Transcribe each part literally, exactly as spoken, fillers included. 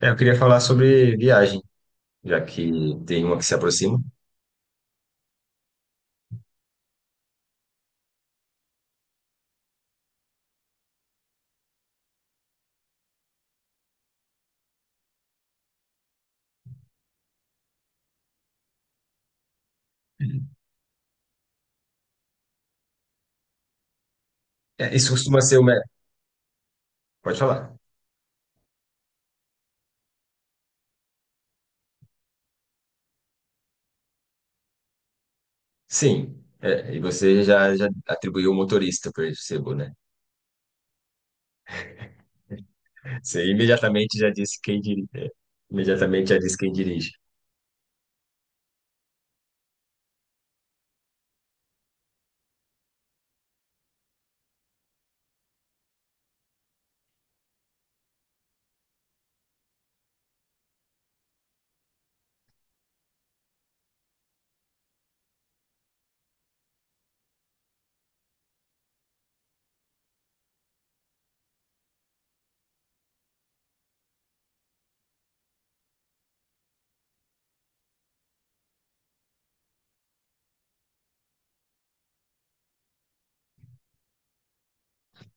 É, eu queria falar sobre viagem, já que tem uma que se aproxima. É, isso costuma ser o melhor. Pode falar. Sim. É, e você já, já atribuiu o motorista para esse, né? Você imediatamente já disse quem dirige. é, Imediatamente já disse quem dirige.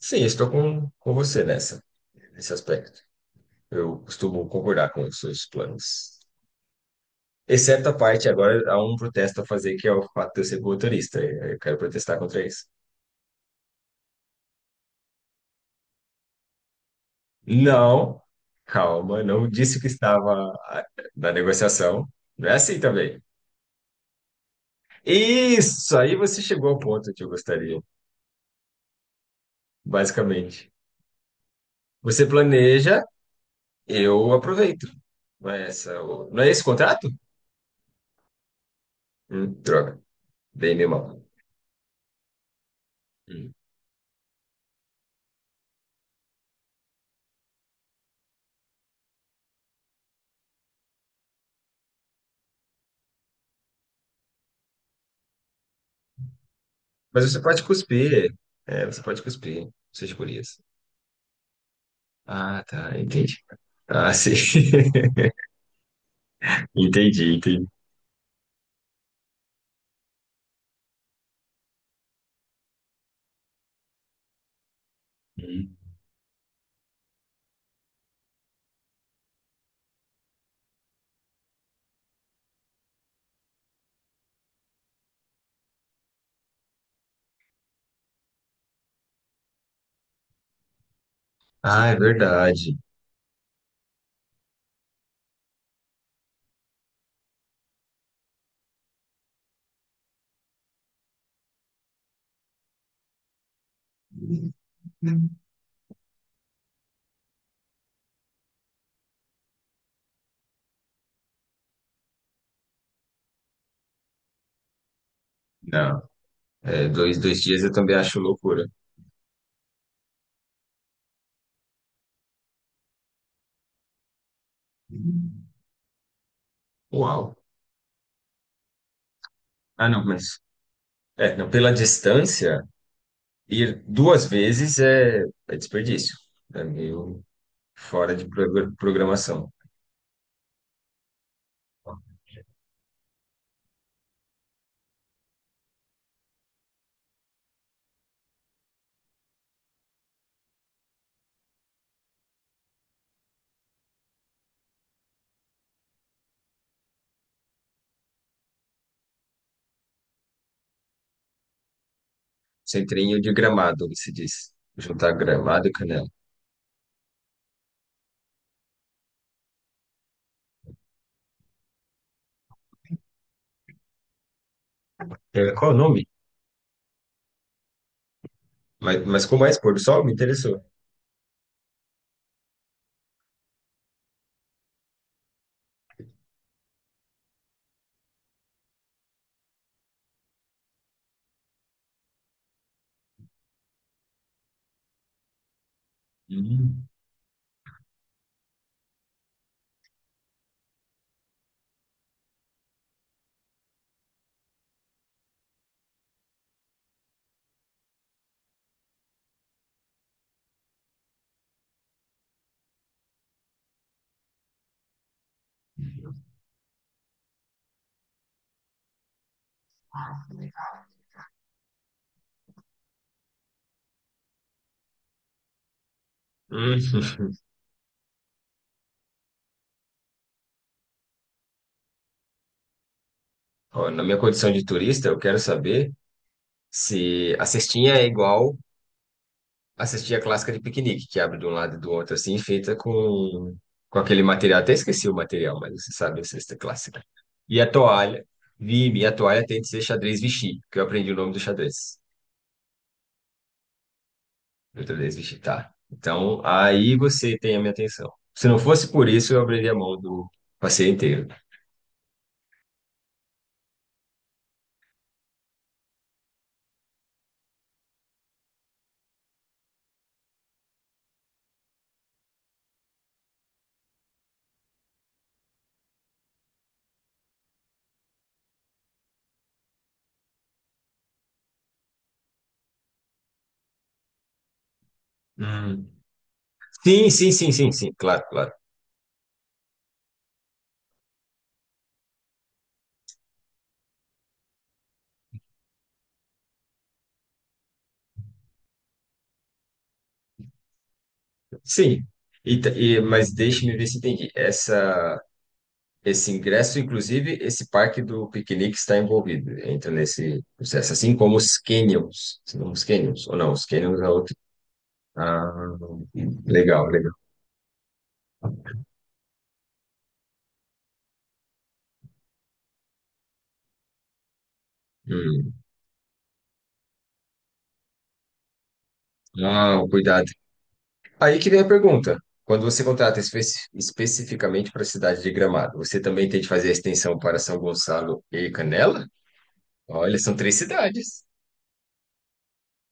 Sim, estou com, com você nessa, nesse aspecto. Eu costumo concordar com os seus planos. Exceto a parte, agora há um protesto a fazer, que é o fato de eu ser motorista. Eu quero protestar contra isso. Não, calma, não disse que estava ah, na negociação. Não é assim também. Isso, aí você chegou ao ponto que eu gostaria, basicamente. Você planeja, eu aproveito. Não é essa, o- não é esse o contrato? Hum, droga, bem meu mal. Hum. Mas você pode cuspir. É, você pode cuspir, suas gurias. Ah, tá, entendi. Ah, sim. Entendi, entendi. Hum. Ah, é verdade. Não, é, dois, dois dias eu também acho loucura. Uau. Ah, não, mas. É, não, pela distância, ir duas vezes é, é desperdício. É meio fora de pro- programação. Centrinho de Gramado, se diz. Juntar Gramado e Canela. É, qual o nome? Mas, mas como é esse pôr do sol? Me interessou. Hum. Hum. Ó, na minha condição de turista, eu quero saber se a cestinha é igual. Assisti a clássica de piquenique, que abre de um lado e do outro, assim, feita com, com aquele material. Até esqueci o material, mas você sabe a cesta clássica. E a toalha. Vi, e a toalha tem de ser xadrez Vichy, que eu aprendi o nome do xadrez. Do xadrez Vichy, tá. Então, aí você tem a minha atenção. Se não fosse por isso, eu abriria a mão do passeio inteiro. Hum. Sim, sim, sim, sim, sim, claro, claro. Sim. E, ta- e- mas deixe-me ver se entendi. Essa. Esse ingresso, inclusive, esse parque do piquenique está envolvido, entra nesse processo, assim como os canyons, não os canyons, ou não, os canyons é outro. Ah, legal, legal. Hum. Ah, cuidado. Aí que vem a pergunta. Quando você contrata espe- especificamente para a cidade de Gramado, você também tem de fazer a extensão para São Gonçalo e Canela? Olha, são três cidades.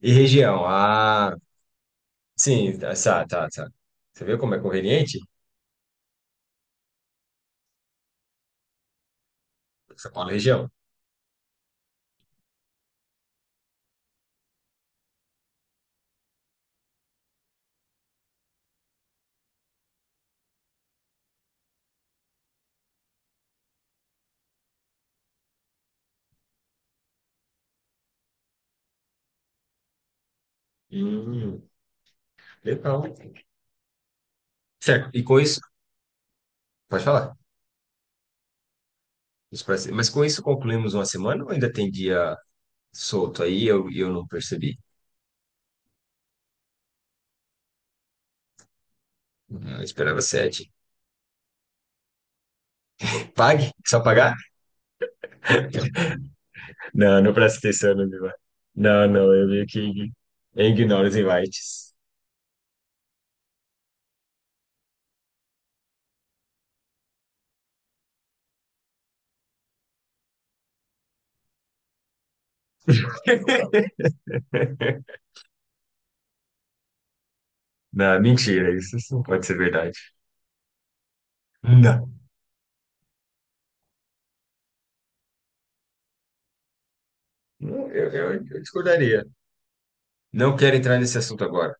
E região? Ah, sim, tá, tá, tá, tá. Você viu como é conveniente? São Paulo e região. Hum, Legal. Certo. E com isso, pode falar. Isso parece- Mas com isso concluímos uma semana ou ainda tem dia solto aí? Eu, eu não percebi. Eu esperava sete. Pague? Só pagar? Não, não presta atenção no meu. Não, não, eu vi que ign- eu ignoro os invites. Não, mentira, isso isso não pode ser verdade. Não. Não, Eu, eu, eu discordaria. Não quero entrar nesse assunto agora.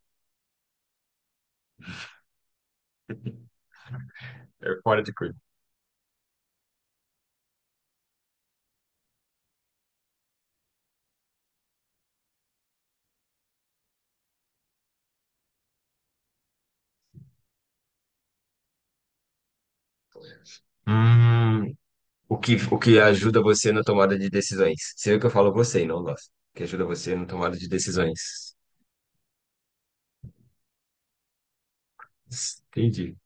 É fora de coisa. Hum, O que, o que ajuda você na tomada de decisões. Sei o que eu falo você, e não nós. Que ajuda você na tomada de decisões. Entendi.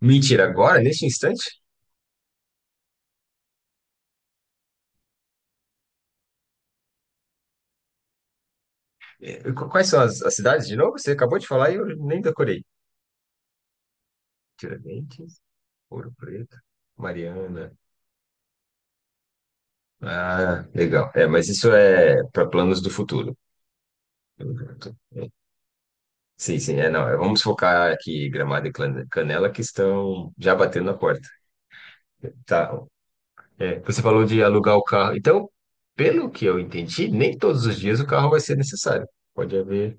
Mentira, agora, neste instante? É, qu- quais são as, as cidades de novo? Você acabou de falar e eu nem decorei. Tiradentes, Ouro Preto, Mariana. Ah, legal. É, mas isso é para planos do futuro. É. Sim, sim, é, não. é, Vamos focar aqui Gramado e Clan- Canela, que estão já batendo na porta. Tá. É, você falou de alugar o carro. Então, pelo que eu entendi, nem todos os dias o carro vai ser necessário. Pode haver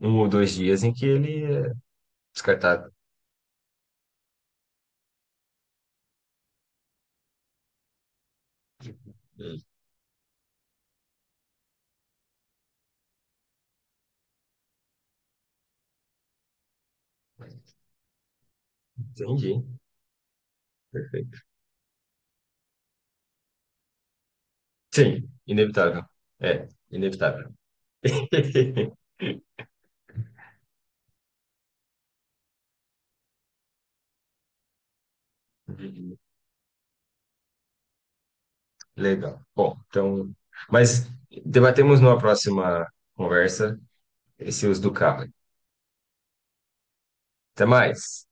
um ou dois dias em que ele é descartado. Entendi. Sim, inevitável. É, inevitável. Legal. Bom, então, mas debatemos numa próxima conversa esse uso do carro. Até mais.